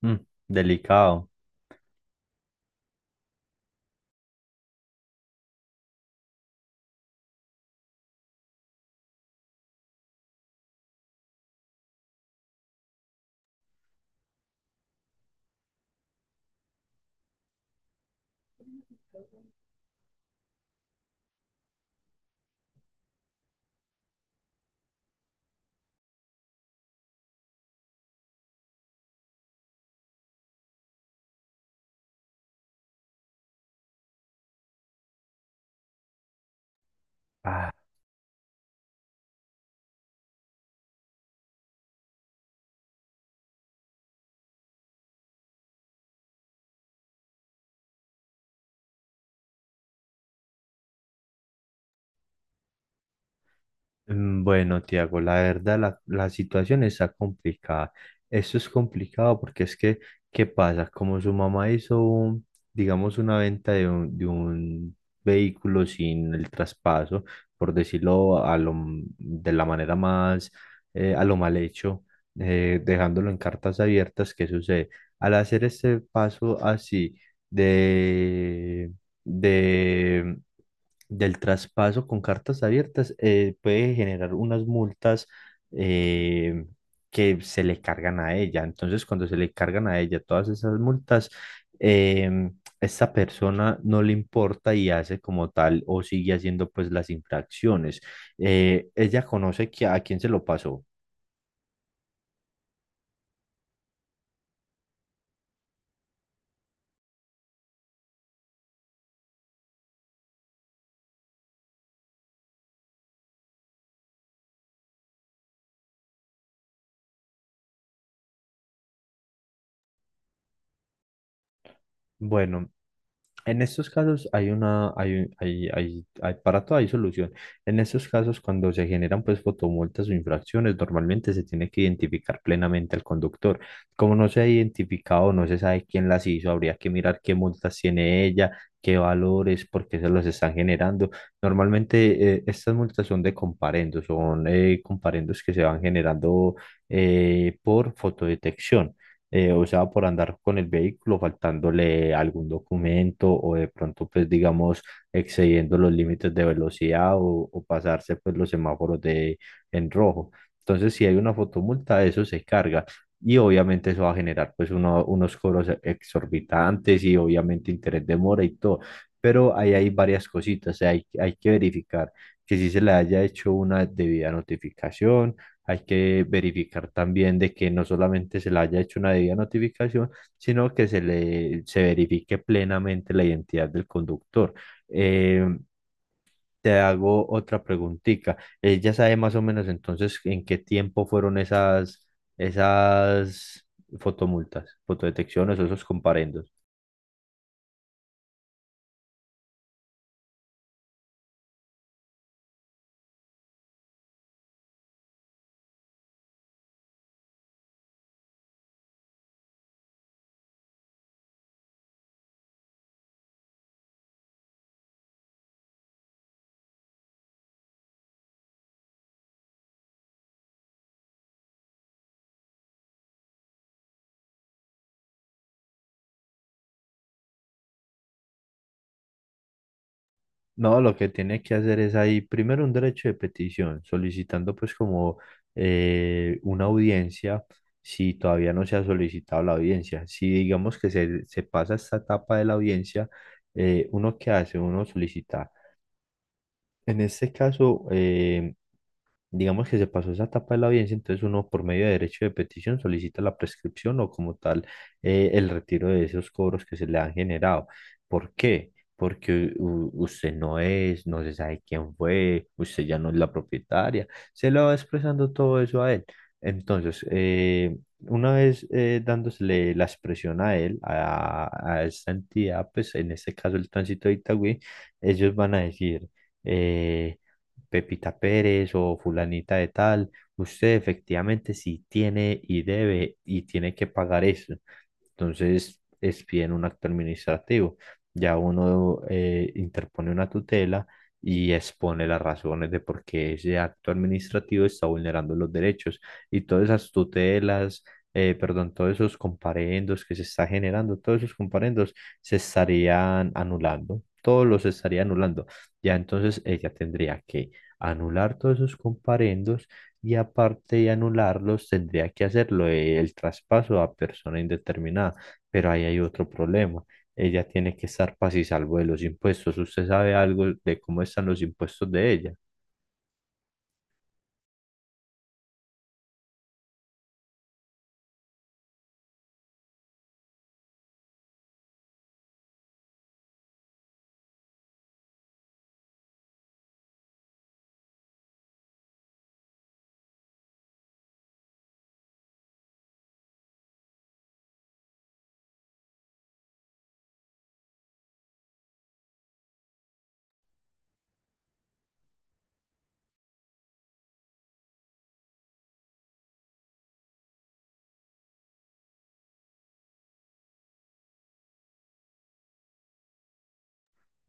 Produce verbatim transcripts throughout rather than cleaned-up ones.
Mm, delicado. Ah, mm, bueno, Tiago, la verdad la, la situación está complicada. Esto es complicado porque es que, ¿qué pasa? Como su mamá hizo, un- digamos, una venta de un, de un vehículo sin el traspaso, por decirlo a lo, m- de la manera más, eh, a lo mal hecho, eh, dejándolo en cartas abiertas, ¿qué sucede? Al hacer este paso así de de, del traspaso con cartas abiertas, eh, puede generar unas multas, eh, que se le cargan a ella. Entonces, cuando se le cargan a ella todas esas multas, eh, esta persona no le importa y hace como tal o sigue haciendo pues las infracciones. Eh, ella conoce que a quién se lo pasó. Bueno, en estos casos hay una, hay, un- hay, hay, hay- para todo hay solución. En estos casos, cuando se generan pues fotomultas o infracciones, normalmente se tiene que identificar plenamente al conductor. Como no se ha identificado, no se sabe quién las hizo, habría que mirar qué multas tiene ella, qué valores, por qué se los están generando. Normalmente eh, estas multas son de comparendos, son eh, comparendos que se van generando, eh, por fotodetección, eh, o sea, por andar con el vehículo faltándole algún documento o de pronto, pues, digamos, excediendo los límites de velocidad o, o pasarse, pues, los semáforos de, en rojo. Entonces, si hay una fotomulta, eso se carga y obviamente eso va a generar, pues, uno- unos cobros exorbitantes y obviamente interés de mora y todo. Pero ahí hay varias cositas, o sea, hay, hay que verificar que si se le haya hecho una debida notificación, hay que verificar también de que no solamente se le haya hecho una debida notificación, sino que se le se verifique plenamente la identidad del conductor. Eh, te hago otra preguntita. ¿Ya sabe más o menos entonces en qué tiempo fueron esas, esas fotomultas, fotodetecciones o esos comparendos? No, lo que tiene que hacer es ahí primero un derecho de petición, solicitando pues como, eh, una audiencia si todavía no se ha solicitado la audiencia. Si digamos que se, se pasa esta etapa de la audiencia, eh, uno qué hace, uno solicita. En este caso, eh, digamos que se pasó esa etapa de la audiencia, entonces uno por medio de derecho de petición solicita la prescripción o como tal, eh, el retiro de esos cobros que se le han generado. ¿Por qué? Porque u- usted no es, no se sabe quién fue, usted ya no es la propietaria, se lo va expresando todo eso a él. Entonces, eh, una vez eh, dándosele la expresión a él, a, a esta entidad, pues en este caso el tránsito de Itagüí, ellos van a decir... eh, Pepita Pérez o fulanita de tal, usted efectivamente sí tiene y debe y tiene que pagar eso. Entonces es bien un acto administrativo. Ya uno eh, interpone una tutela y expone las razones de por qué ese acto administrativo está vulnerando los derechos y todas esas tutelas. eh, perdón, todos esos comparendos que se está generando, todos esos comparendos se estarían anulando, todos los estaría anulando. Ya entonces ella tendría que anular todos esos comparendos, y aparte de anularlos tendría que hacerlo, eh, el traspaso a persona indeterminada, pero ahí hay otro problema. Ella tiene que estar paz y salvo de los impuestos. ¿Usted sabe algo de cómo están los impuestos de ella?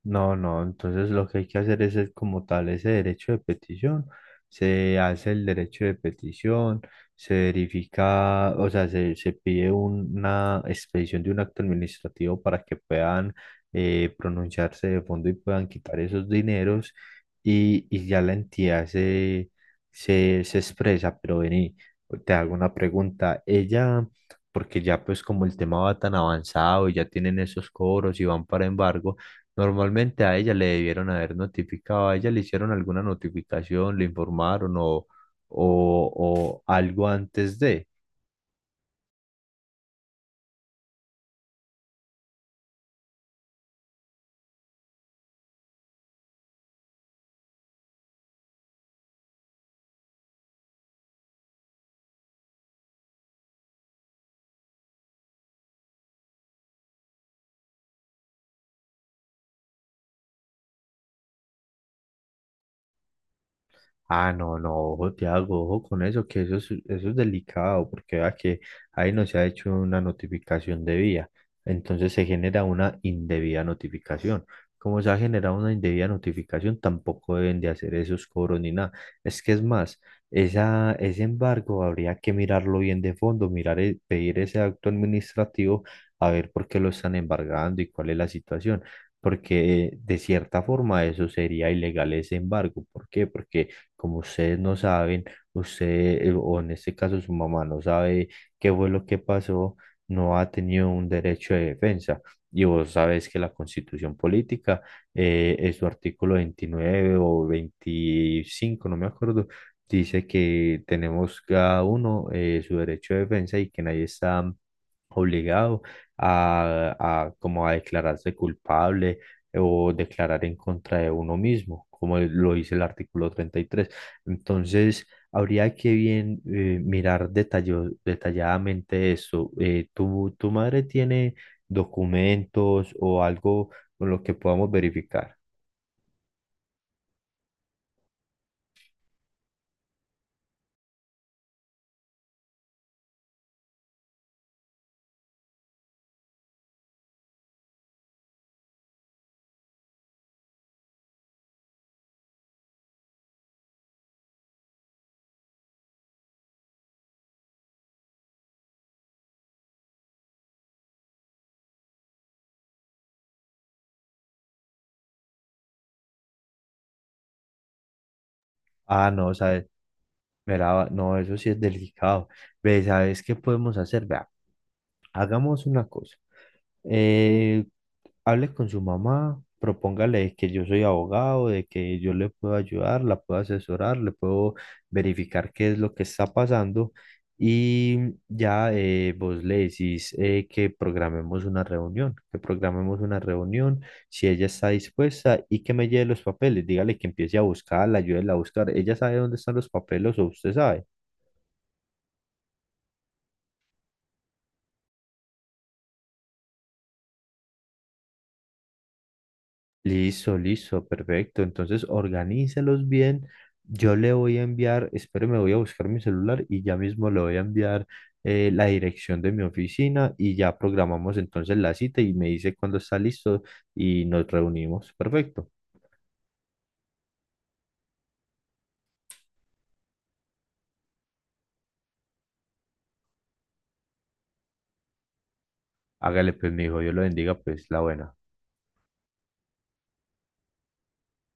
No, no, entonces lo que hay que hacer es, es como tal ese derecho de petición. Se hace el derecho de petición, se verifica, o sea, se, se pide un- una expedición de un acto administrativo para que puedan, eh, pronunciarse de fondo y puedan quitar esos dineros y, y ya la entidad se, se, se expresa. Pero vení, te hago una pregunta. Ella, porque ya pues como el tema va tan avanzado y ya tienen esos cobros y van para embargo. Normalmente a ella le debieron haber notificado, a ella le hicieron alguna notificación, le informaron o, o, o algo antes de. Ah, no, no, ojo, Tiago, ojo con eso, que eso es, eso es delicado, porque vea que ahí no se ha hecho una notificación debida, entonces se genera una indebida notificación. Como se ha generado una indebida notificación, tampoco deben de hacer esos cobros ni nada. Es que es más, esa, ese embargo habría que mirarlo bien de fondo, mirar, el- pedir ese acto administrativo, a ver por qué lo están embargando y cuál es la situación. Porque de cierta forma eso sería ilegal ese embargo. ¿Por qué? Porque como ustedes no saben, usted, eh, o en este caso su mamá no sabe qué fue lo que pasó, no ha tenido un derecho de defensa. Y vos sabes que la Constitución Política, eh, en su artículo veintinueve o veinticinco no me acuerdo, dice que tenemos cada uno, eh, su derecho de defensa y que nadie está obligado a, a como a declararse culpable o declarar en contra de uno mismo, como lo dice el artículo treinta y tres. Entonces, habría que bien, eh, mirar detallo- detalladamente esto. Eh, ¿tu, tu madre tiene documentos o algo con lo que podamos verificar? Ah, no, sabes. Verá, no, eso sí es delicado. Ve, ¿sabes qué podemos hacer? Vea, hagamos una cosa. Eh, hable con su mamá, propóngale que yo soy abogado, de que yo le puedo ayudar, la puedo asesorar, le puedo verificar qué es lo que está pasando y ya, eh, vos le decís, eh, que programemos una reunión, que programemos una reunión si ella está dispuesta y que me lleve los papeles, dígale que empiece a buscarla, ayúdela a buscar. Ella sabe dónde están los papeles o usted sabe. Listo, listo, perfecto. Entonces, organícelos bien. Yo le voy a enviar, espere, me voy a buscar mi celular y ya mismo le voy a enviar, eh, la dirección de mi oficina y ya programamos entonces la cita y me dice cuándo está listo y nos reunimos. Perfecto. Hágale pues, mi hijo, Dios lo bendiga, pues la buena.